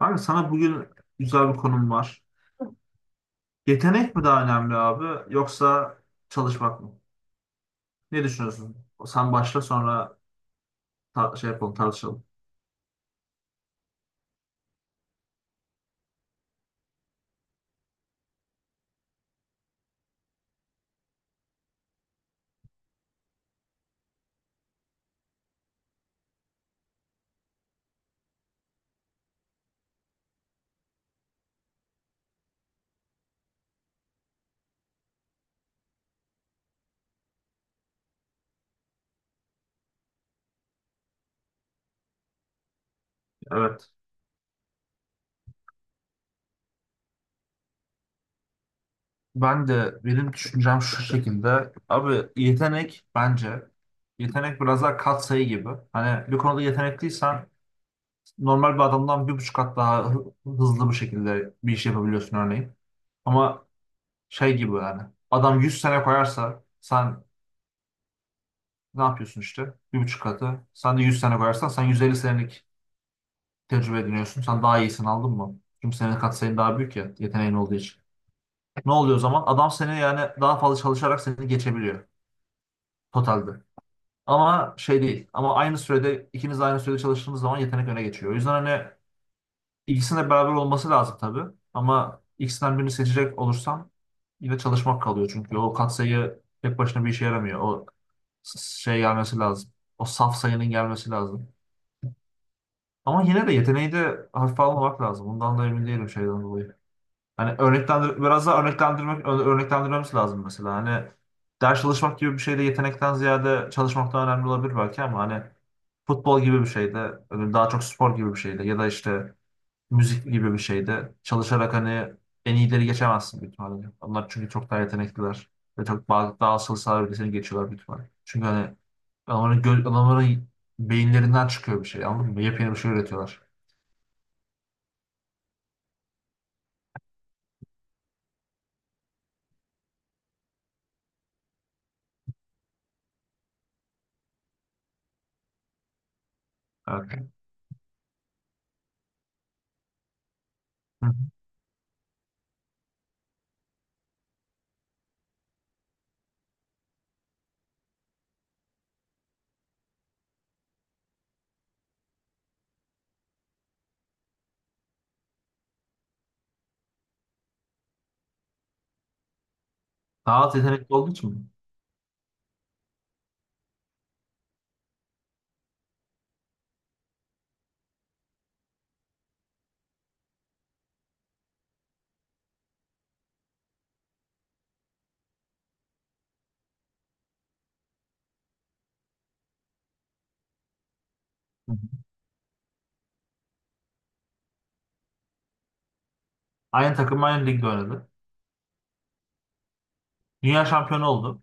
Abi sana bugün güzel bir konum var. Yetenek mi daha önemli abi, yoksa çalışmak mı? Ne düşünüyorsun? Sen başla, sonra tar- şey yapalım tartışalım. Evet. Ben de, benim düşüncem şu şekilde. Abi, yetenek bence, biraz daha katsayı gibi. Hani bir konuda yetenekliysen, normal bir adamdan bir buçuk kat daha hızlı bir şekilde bir iş yapabiliyorsun örneğin. Ama şey gibi yani, adam 100 sene koyarsa sen, ne yapıyorsun işte? Bir buçuk katı. Sen de 100 sene koyarsan sen 150 senelik tecrübe ediniyorsun. Sen daha iyisin, aldın mı? Çünkü senin katsayın daha büyük ya, yeteneğin olduğu için. Ne oluyor o zaman? Adam seni, yani daha fazla çalışarak seni geçebiliyor totalde. Ama şey değil. Ama aynı sürede, ikiniz de aynı sürede çalıştığınız zaman yetenek öne geçiyor. O yüzden hani, ikisinin de beraber olması lazım tabii. Ama ikisinden birini seçecek olursam, yine çalışmak kalıyor. Çünkü o katsayı tek başına bir işe yaramıyor. O gelmesi lazım. O saf sayının gelmesi lazım. Ama yine de yeteneği de hafife almamak lazım. Bundan da emin değilim şeyden dolayı. Hani biraz daha örneklendirmemiz lazım mesela. Hani ders çalışmak gibi bir şeyde de yetenekten ziyade çalışmak daha önemli olabilir belki, ama hani futbol gibi bir şeyde, öyle daha çok spor gibi bir şeyde ya da işte müzik gibi bir şeyde çalışarak hani en iyileri geçemezsin büyük ihtimalle. Onlar çünkü çok daha yetenekliler ve daha asıl sahibi seni geçiyorlar büyük ihtimalle. Çünkü hani, adamların beyinlerinden çıkıyor bir şey, anladın mı? Yepyeni bir şey üretiyorlar. Evet. Hı hı. Daha az yetenekli olduğu için mi? Hı hı. Aynı takım, aynı ligde oynadı. Dünya şampiyonu oldu.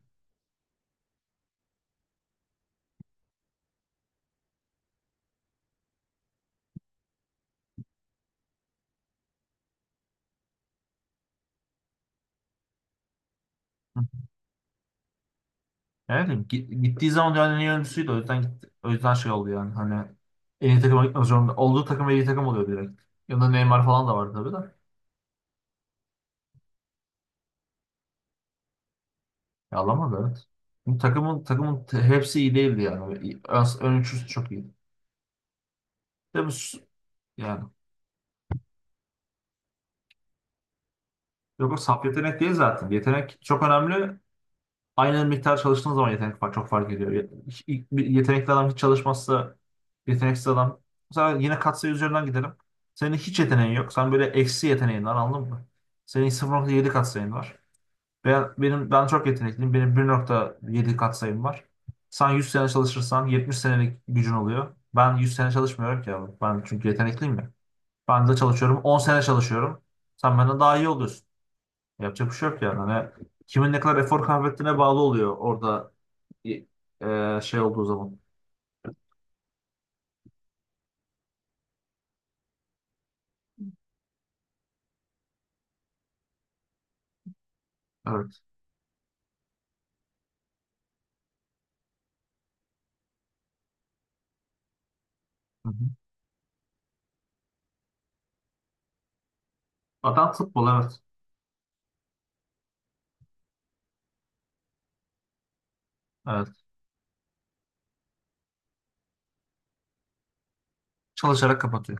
Evet, gittiği zaman dünyanın en iyi oyuncusuydu. O yüzden gitti. O yüzden şey oldu yani. Hani en iyi takıma gitmek zorunda. Olduğu takım en iyi takım oluyor direkt. Yanında Neymar falan da vardı tabii de. Ya, alamadı, evet. Bu takımın hepsi iyi değildi yani. Ön üçlüsü çok iyiydi. Tabii yani. Yok, o saf yetenek değil zaten. Yetenek çok önemli. Aynı miktar çalıştığınız zaman yetenek fark, çok fark ediyor. İlk bir yetenekli adam hiç çalışmazsa, yeteneksiz adam. Mesela yine katsayı üzerinden gidelim. Senin hiç yeteneğin yok. Sen böyle eksi yeteneğin var, anladın mı? Senin sıfır nokta yedi katsayın var. Ben çok yetenekliyim. Benim bir nokta yedi katsayım var. Sen 100 sene çalışırsan 70 senelik gücün oluyor. Ben 100 sene çalışmıyorum ki abi. Ben çünkü yetenekliyim ya. Ben de çalışıyorum, 10 sene çalışıyorum. Sen benden daha iyi oluyorsun. Yapacak bir şey yok yani. Hani kimin ne kadar efor kaybettiğine bağlı oluyor orada, y- şey olduğu zaman. Evet. Hı hı. Adam futbol, evet. Evet. Çalışarak kapatıyor.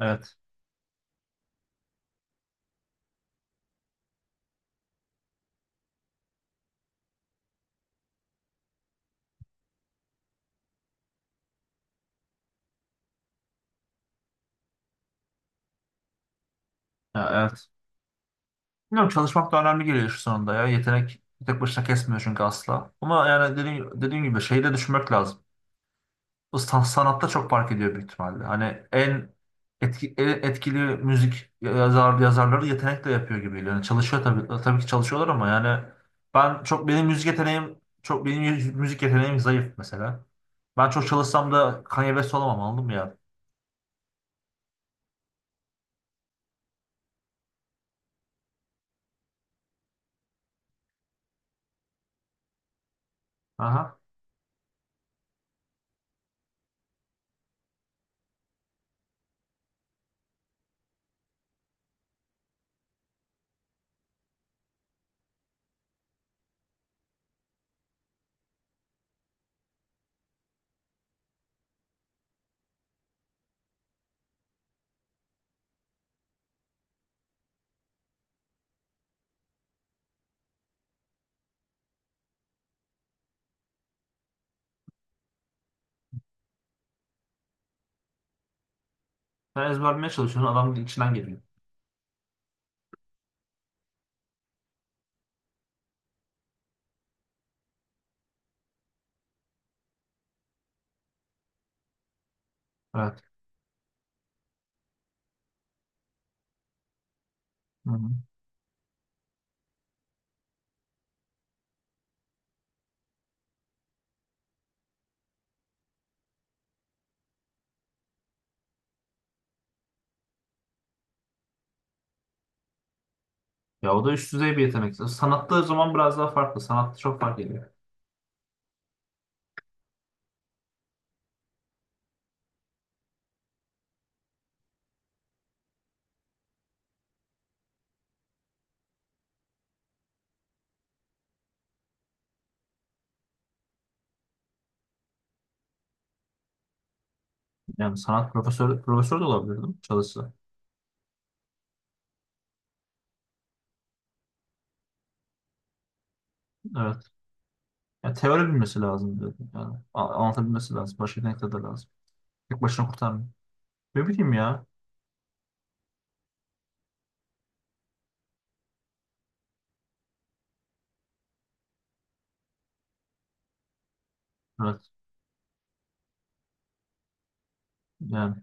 Evet. Ya, evet. Bilmiyorum, çalışmak da önemli geliyor şu sonunda ya. Yetenek tek başına kesmiyor çünkü asla. Ama yani dediğim gibi şeyi de düşünmek lazım. Bu sanatta çok fark ediyor büyük ihtimalle. Hani en etkili yazarları yetenekle yapıyor gibi geliyor. Yani çalışıyor tabii, tabii ki çalışıyorlar ama yani, benim müzik yeteneğim çok, müzik yeteneğim zayıf mesela. Ben çok çalışsam da Kanye West olamam, anladın mı ya? Aha. Sen ezberlemeye çalışıyorsun, adam içinden geliyor. Evet. Hı-hı. Ya, o da üst düzey bir yetenek. Sanatta o zaman biraz daha farklı. Sanatta çok fark ediyor. Yani profesör de olabilirdim çalışsa. Evet. Ya teori bilmesi lazım dedim. Yani anlatabilmesi lazım. Başka yetenekler de lazım. Tek başına kurtarmıyor. Ne bileyim ya. Evet. Yani,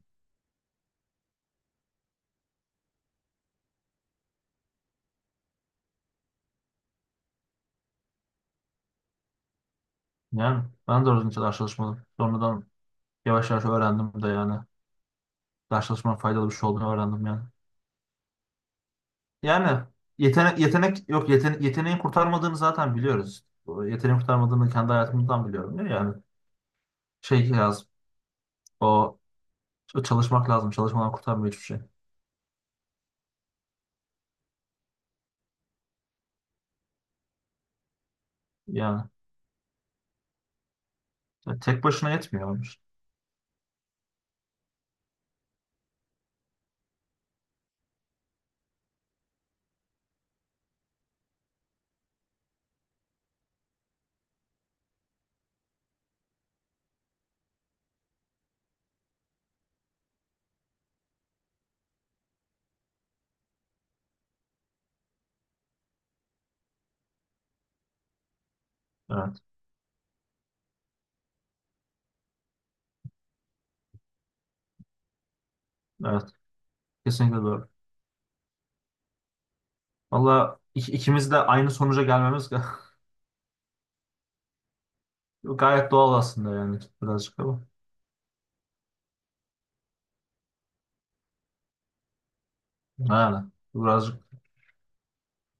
yani ben de orada hiç ders çalışmadım. Sonradan yavaş yavaş öğrendim de yani. Ders çalışmanın faydalı bir şey olduğunu öğrendim yani. Yani yetenek, yetenek yok yeten, yeteneğin kurtarmadığını zaten biliyoruz. O, yeteneğin kurtarmadığını kendi hayatımdan biliyorum ya yani. Şey lazım. O o çalışmak lazım. Çalışmadan kurtarmıyor hiçbir şey. Yani tek başına yetmiyor, olmuş. Evet. Evet. Kesinlikle doğru. Valla ikimiz de aynı sonuca gelmemiz gayet doğal aslında yani, birazcık ama. Ha, birazcık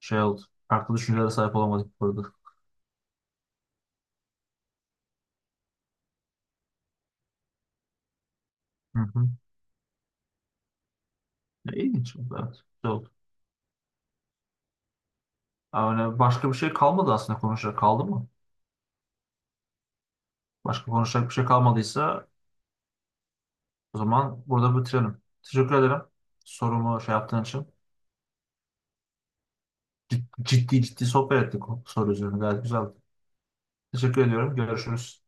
şey oldu. Farklı düşüncelere sahip olamadık burada. Hı hı. Ne ilginç oldu, evet. Güzel oldu. Yani başka bir şey kalmadı aslında, konuşacak kaldı mı? Başka konuşacak bir şey kalmadıysa, o zaman burada bitirelim. Teşekkür ederim sorumu şey yaptığın için. Ciddi ciddi sohbet ettik, o soru üzerine gayet güzeldi. Teşekkür ediyorum. Görüşürüz.